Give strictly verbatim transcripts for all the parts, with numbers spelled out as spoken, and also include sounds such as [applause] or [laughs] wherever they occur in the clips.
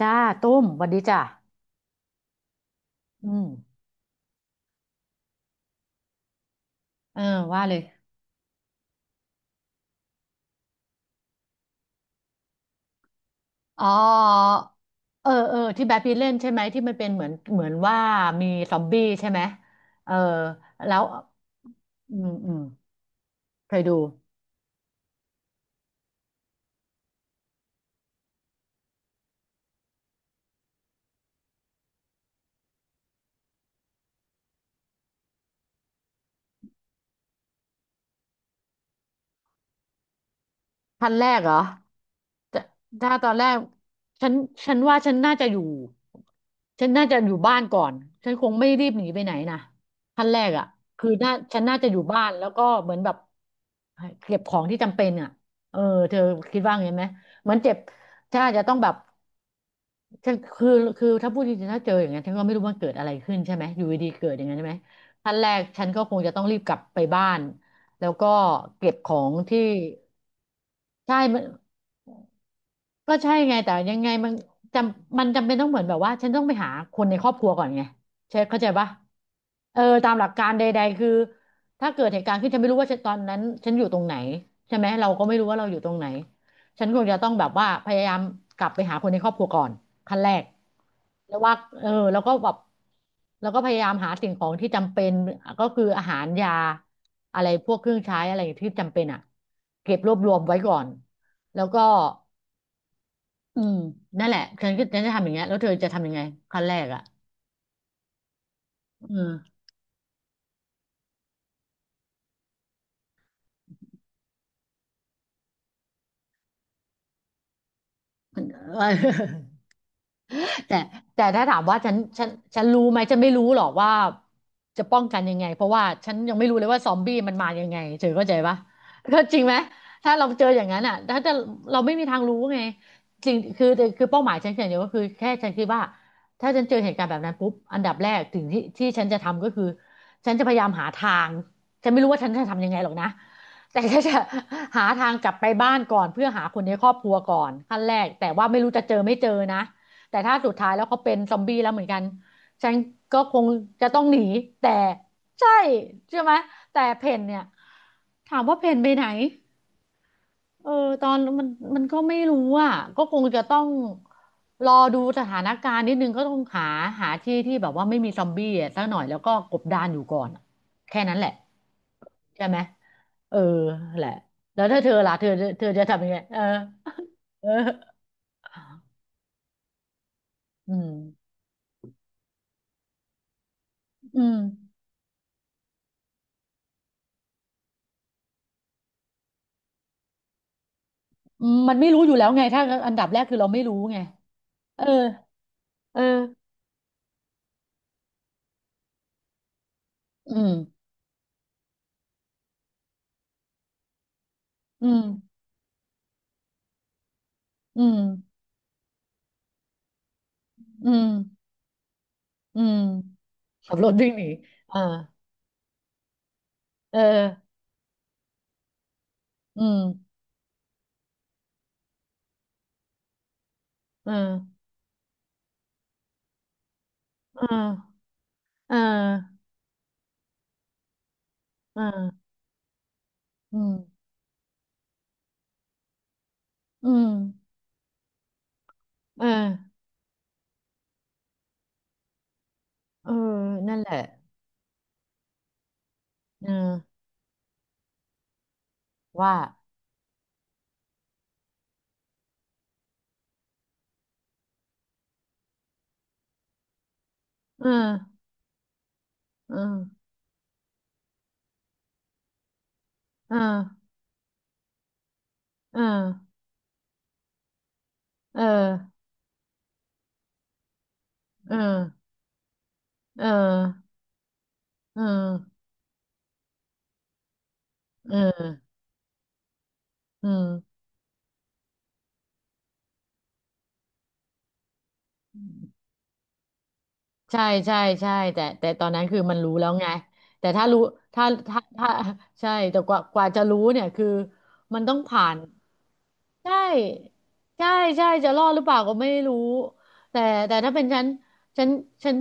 จ้า ตุ้มสวันดีจ้า อืมเออว่าเลยอ๋อเออ เออ ที่แบทพีทเล่นใช่ไหม ที่มันเป็นเหมือน เหมือนว่ามีซอมบี้ใช่ไหม เออ แล้ว อืม อืมเคยดู พันแรกเหรอแต่ถ้าตอนแรกฉันฉันว่าฉันน่าจะอยู่ฉันน่าจะอยู่บ้านก่อนฉันคงไม่รีบหนีไปไหนนะพันแรกอ่ะคือน่าฉันน่าจะอยู่บ้านแล้วก็เหมือนแบบเก็บของที่จำเป็นอ่ะเออเธอคิดว่าไงไหมเหมือนเจ็บฉันอาจจะต้องแบบฉันคือคือถ้าพูดจริงๆถ้าเจออย่างนั้นฉันก็ไม่รู้ว่าเกิดอะไรขึ้นใช่ไหมอยู่ดีๆเกิดอย่างนั้นใช่ไหมขั้นแรกฉันก็คงจะต้องรีบกลับไปบ้าน แล้วก็เก็บของที่ใช่มัน ก็ใช่ไงแต่ยังไงมันจำมันจำเป็นต้องเหมือนแบบว่าฉันต้องไปหาคนในครอบครัวก่อนไงใช่เข้าใจปะเออตามหลักการใดๆคือถ้าเกิดเหตุการณ์ขึ้นฉันไม่รู้ว่าฉันตอนนั้นฉันอยู่ตรงไหนใช่ไหมเราก็ไม่รู้ว่าเราอยู่ตรงไหนฉันคงจะต้องแบบว่าพยายามกลับไปหาคนในครอบครัวก่อนขั้นแรกแล้วว่าเออแล้วก็แบบแล้วก็พยายามหาสิ่งของที่จำเป็นก็คืออาหารยาอะไรพวกเครื่องใช้อะไรที่จำเป็นอ่ะเก็บรวบรวมไว้ก่อนแล้วก็ อืมนั่นแหละฉันก็ฉันจะทำอย่างเงี้ยแล้วเธอจะทำยังไงขั้นแรกอ่ะออมมัน [laughs] เออ แต่แต่ถ้าถามว่าฉันฉันฉันรู้ไหมฉันไม่รู้หรอกว่าจะป้องกันยังไงเพราะว่าฉันยังไม่รู้เลยว่าซอมบี้มันมายังไงเธอเข้าใจปะก็จริงไหมถ้าเราเจออย่างนั้นอ่ะถ้าจะเราไม่มีทางรู้ไงจริงคือคือเป้าหมายฉันอย่างเดียวก็คือแค่ฉันคิดว่าถ้าฉันเจอเหตุการณ์แบบนั้นปุ๊บอันดับแรกถึงที่ที่ฉันจะทำก็คือฉันจะพยายามหาทางฉันไม่รู้ว่าฉันจะทำยังไงหรอกนะแต่ก็จะหาทางกลับไปบ้านก่อนเพื่อหาคนในครอบครัวก่อนขั้นแรกแต่ว่าไม่รู้จะเจอไม่เจอนะ แต่ถ้าสุดท้ายแล้วเขาเป็นซอมบี้แล้วเหมือนกันฉันก็คงจะต้องหนีแต่ใช่ใช่ไหมแต่เพนเนี่ยถามว่าเพนไปไหนเออตอนมันมันก็ไม่รู้อ่ะก็คงจะต้องรอดูสถานการณ์นิดนึงก็ต้องหาหาที่ที่แบบว่าไม่มีซอมบี้อะสักหน่อยแล้วก็กบดานอยู่ก่อนอะแค่นั้นแหละใช่ไหมเออแหละแล้วถ้าเธอล่ะเธอเธอจะทำยังไงเออเอออืมอืม อืมมันไม่รู้อยู่แล้วไงถ้าอันดับแรกคือเราไม่รู้ไงเออเอออืมอืมอืมอืมอืมขับรถวิ่งหนีอ่าเอออืมเออเออเออเอออืมอืมเออเออนั่นแหละเออว่าเออเออเออเออเออเออเออเออเออ ใช่ใช่ใช่แต่แต่ตอนนั้นคือมันรู้แล้วไงแต่ถ้ารู้ถ้าถ้าถ้าใช่แต่กว่ากว่าจะรู้เนี่ยคือมันต้องผ่านใช่ใช่ใช่จะรอดหรือเปล่าก็ไม่รู้แต่แต่ถ้าเป็นฉันฉันฉัน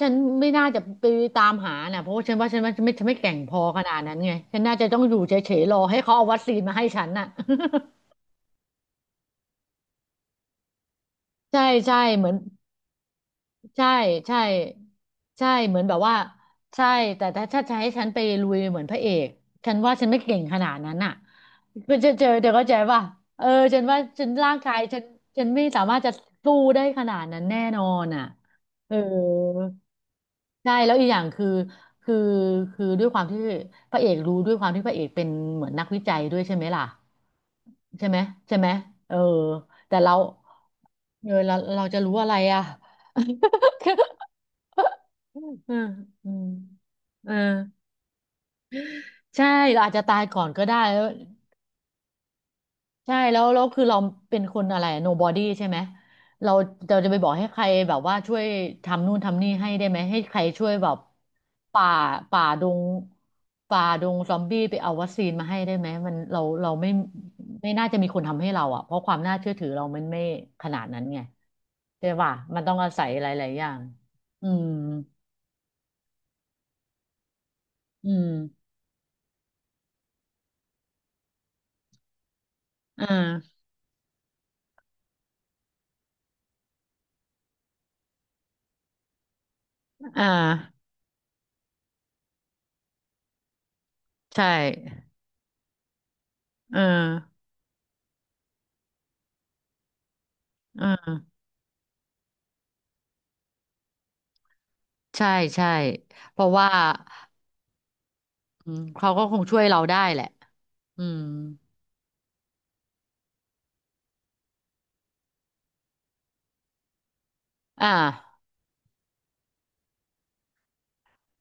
ฉันไม่น่าจะไปตามหาน่ะเพราะว่าฉันว่าฉันว่าฉันไม่ฉันไม่แกร่งพอขนาดนั้นไงฉันน่าจะต้องอยู่เฉยๆรอให้เขาเอาวัคซีนมาให้ฉันน่ะ [laughs] ใช่ใช่เหมือน ใช่ใช่ใช่เหมือนแบบว่าใช่แต่ถ้าถ้าจะให้ฉันไปลุยเหมือนพระเอกฉันว่าฉันไม่เก่งขนาดนั้นน่ะเพื่อจะเจอเดี๋ยวเข้าใจป่ะเออฉันว่าฉันร่างกายฉันฉันไม่สามารถจะสู้ได้ขนาดนั้นแน่นอนอ่ะเออใช่แล้วอีกอย่างคือคือคือด้วยความที่พระเอกรู้ด้วยความที่พระเอกเป็นเหมือนนักวิจัยด้วยใช่ไหมล่ะใช่ไหมใช่ไหมเออแต่เราเออเราเราจะรู้อะไรอ่ะ [laughs] [laughs] อืมอืมเออใช่เราอาจจะตายก่อนก็ได้แล้วใช่แล้วแล้วคือเราเป็นคนอะไร โนบอดี้ ใช่ไหมเราเราจะไปบอกให้ใครแบบว่าช่วยทำนู่นทำนี่ให้ได้ไหมให้ใครช่วยแบบป่าป่าดงป่าดงซอมบี้ไปเอาวัคซีนมาให้ได้ไหมมันเราเราไม่ไม่น่าจะมีคนทำให้เราอ่ะเพราะความน่าเชื่อถือเรามันไม่ขนาดนั้นไงใช่ป่ะมันต้องอาศัยหลายๆอย่างอืมอืมอ่า อ่าใช่เออเออใช่ใช่เพราะว่าอืมเขาก็คงช่วยเราได้แหละอืมอ่า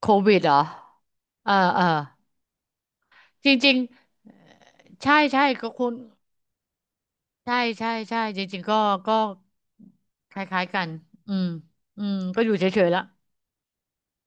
โควิดเหรอเออเออจริงๆเอ่อใช่ใช่ก็คุณใช่ใช่ใช่จริงๆก็ก็คล้ายๆกันอืมอืมก็อยู่เฉยๆละ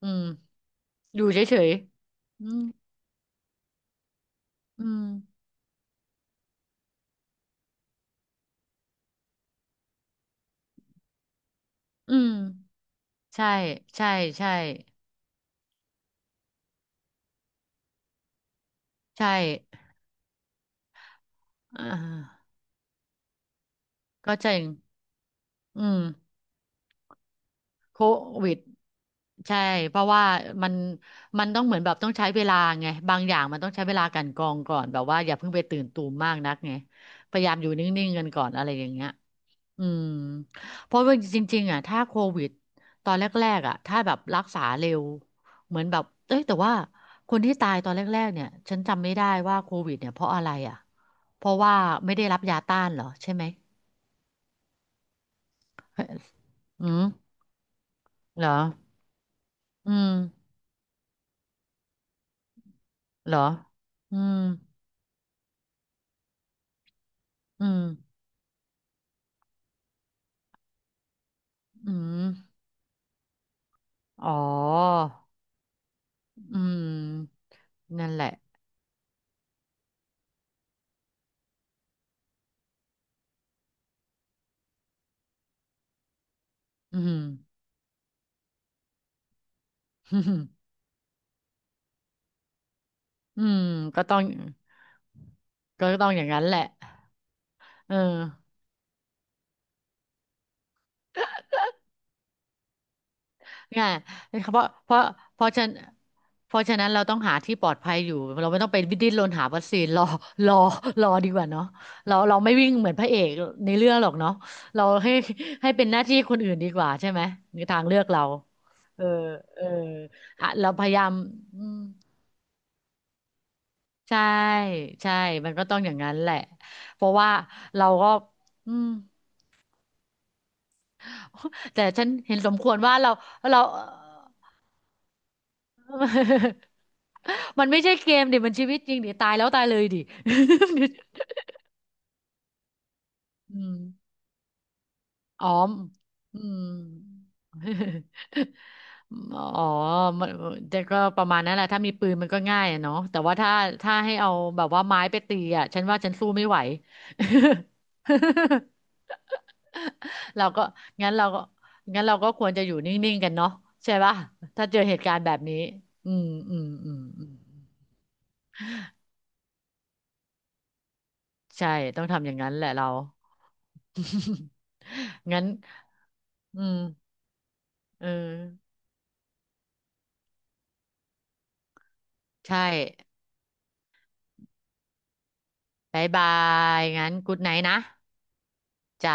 อืมอยู่เฉยๆอืมอืมอืมใช่ใช่ใช่ใช่อ่าก็จริงอืม โควิดใช่เพราะว่ามันมันต้องเหมือนแบบต้องใช้เวลาไงบางอย่างมันต้องใช้เวลากลันกรองก่อนแบบว่าอย่าเพิ่งไปตื่นตูมมากนักไงพยายามอยู่นิ่งๆกันก่อนอะไรอย่างเงี้ยอืมเพราะว่าจริงๆอ่ะถ้าโควิดตอนแรกๆอ่ะถ้าแบบรักษาเร็วเหมือนแบบเอ้ยแต่ว่าคนที่ตายตอนแรกๆเนี่ยฉันจำไม่ได้ว่าโควิดเนี่ยเพราะอะไรอ่ะเพราะว่าไม่ได้รับยาต้านเหรอใช่ไหมอืมเหรออืมเหรออืม อืม อืม อ๋อ อืม นั่นแหละ อืม [laughs] อืม ก็ต้อง ก็ต้องอย่างนั้นแหละเออง่ายเพราะ เพราะเพราะฉะนันเพราะฉะนั้นเราต้องหาที่ปลอดภัยอยู่เราไม่ต้องไปดิ้นรนหาวัคซีน [laughs] รอรอรอดีกว่าเนาะเราเราไม่วิ่งเหมือนพระเอกในเรื่องหรอกเนาะเราให้ให้เป็นหน้าที่คนอื่นดีกว่าใช่ไหมในทางเลือกเราเออเอออ่ะเราพยายามอืม ใช่ใช่ มันก็ต้องอย่างนั้นแหละ เพราะว่าเราก็อืม [laughs] แต่ฉันเห็นสมควรว่าเราเรา [laughs] มันไม่ใช่เกมดิมันชีวิตจริงดิตายแล้วตายเลยดิ [laughs] อืมอ๋ออืม [laughs] อ๋อมันแต่ก็ประมาณนั้นแหละถ้ามีปืนมันก็ง่ายอะเนาะแต่ว่าถ้าถ้าให้เอาแบบว่าไม้ไปตีอ่ะฉันว่าฉันสู้ไม่ไหว [laughs] [laughs] เราก็งั้นเราก็งั้นเราก็ควรจะอยู่นิ่งๆกันเนาะใช่ป่ะถ้าเจอเหตุการณ์แบบนี้อืมอืมอืมอืมใช่ต้องทำอย่างนั้นแหละเรา [laughs] งั้นอืมเออใช่บ๊ายบายงั้นกูดไนท์นะจ้า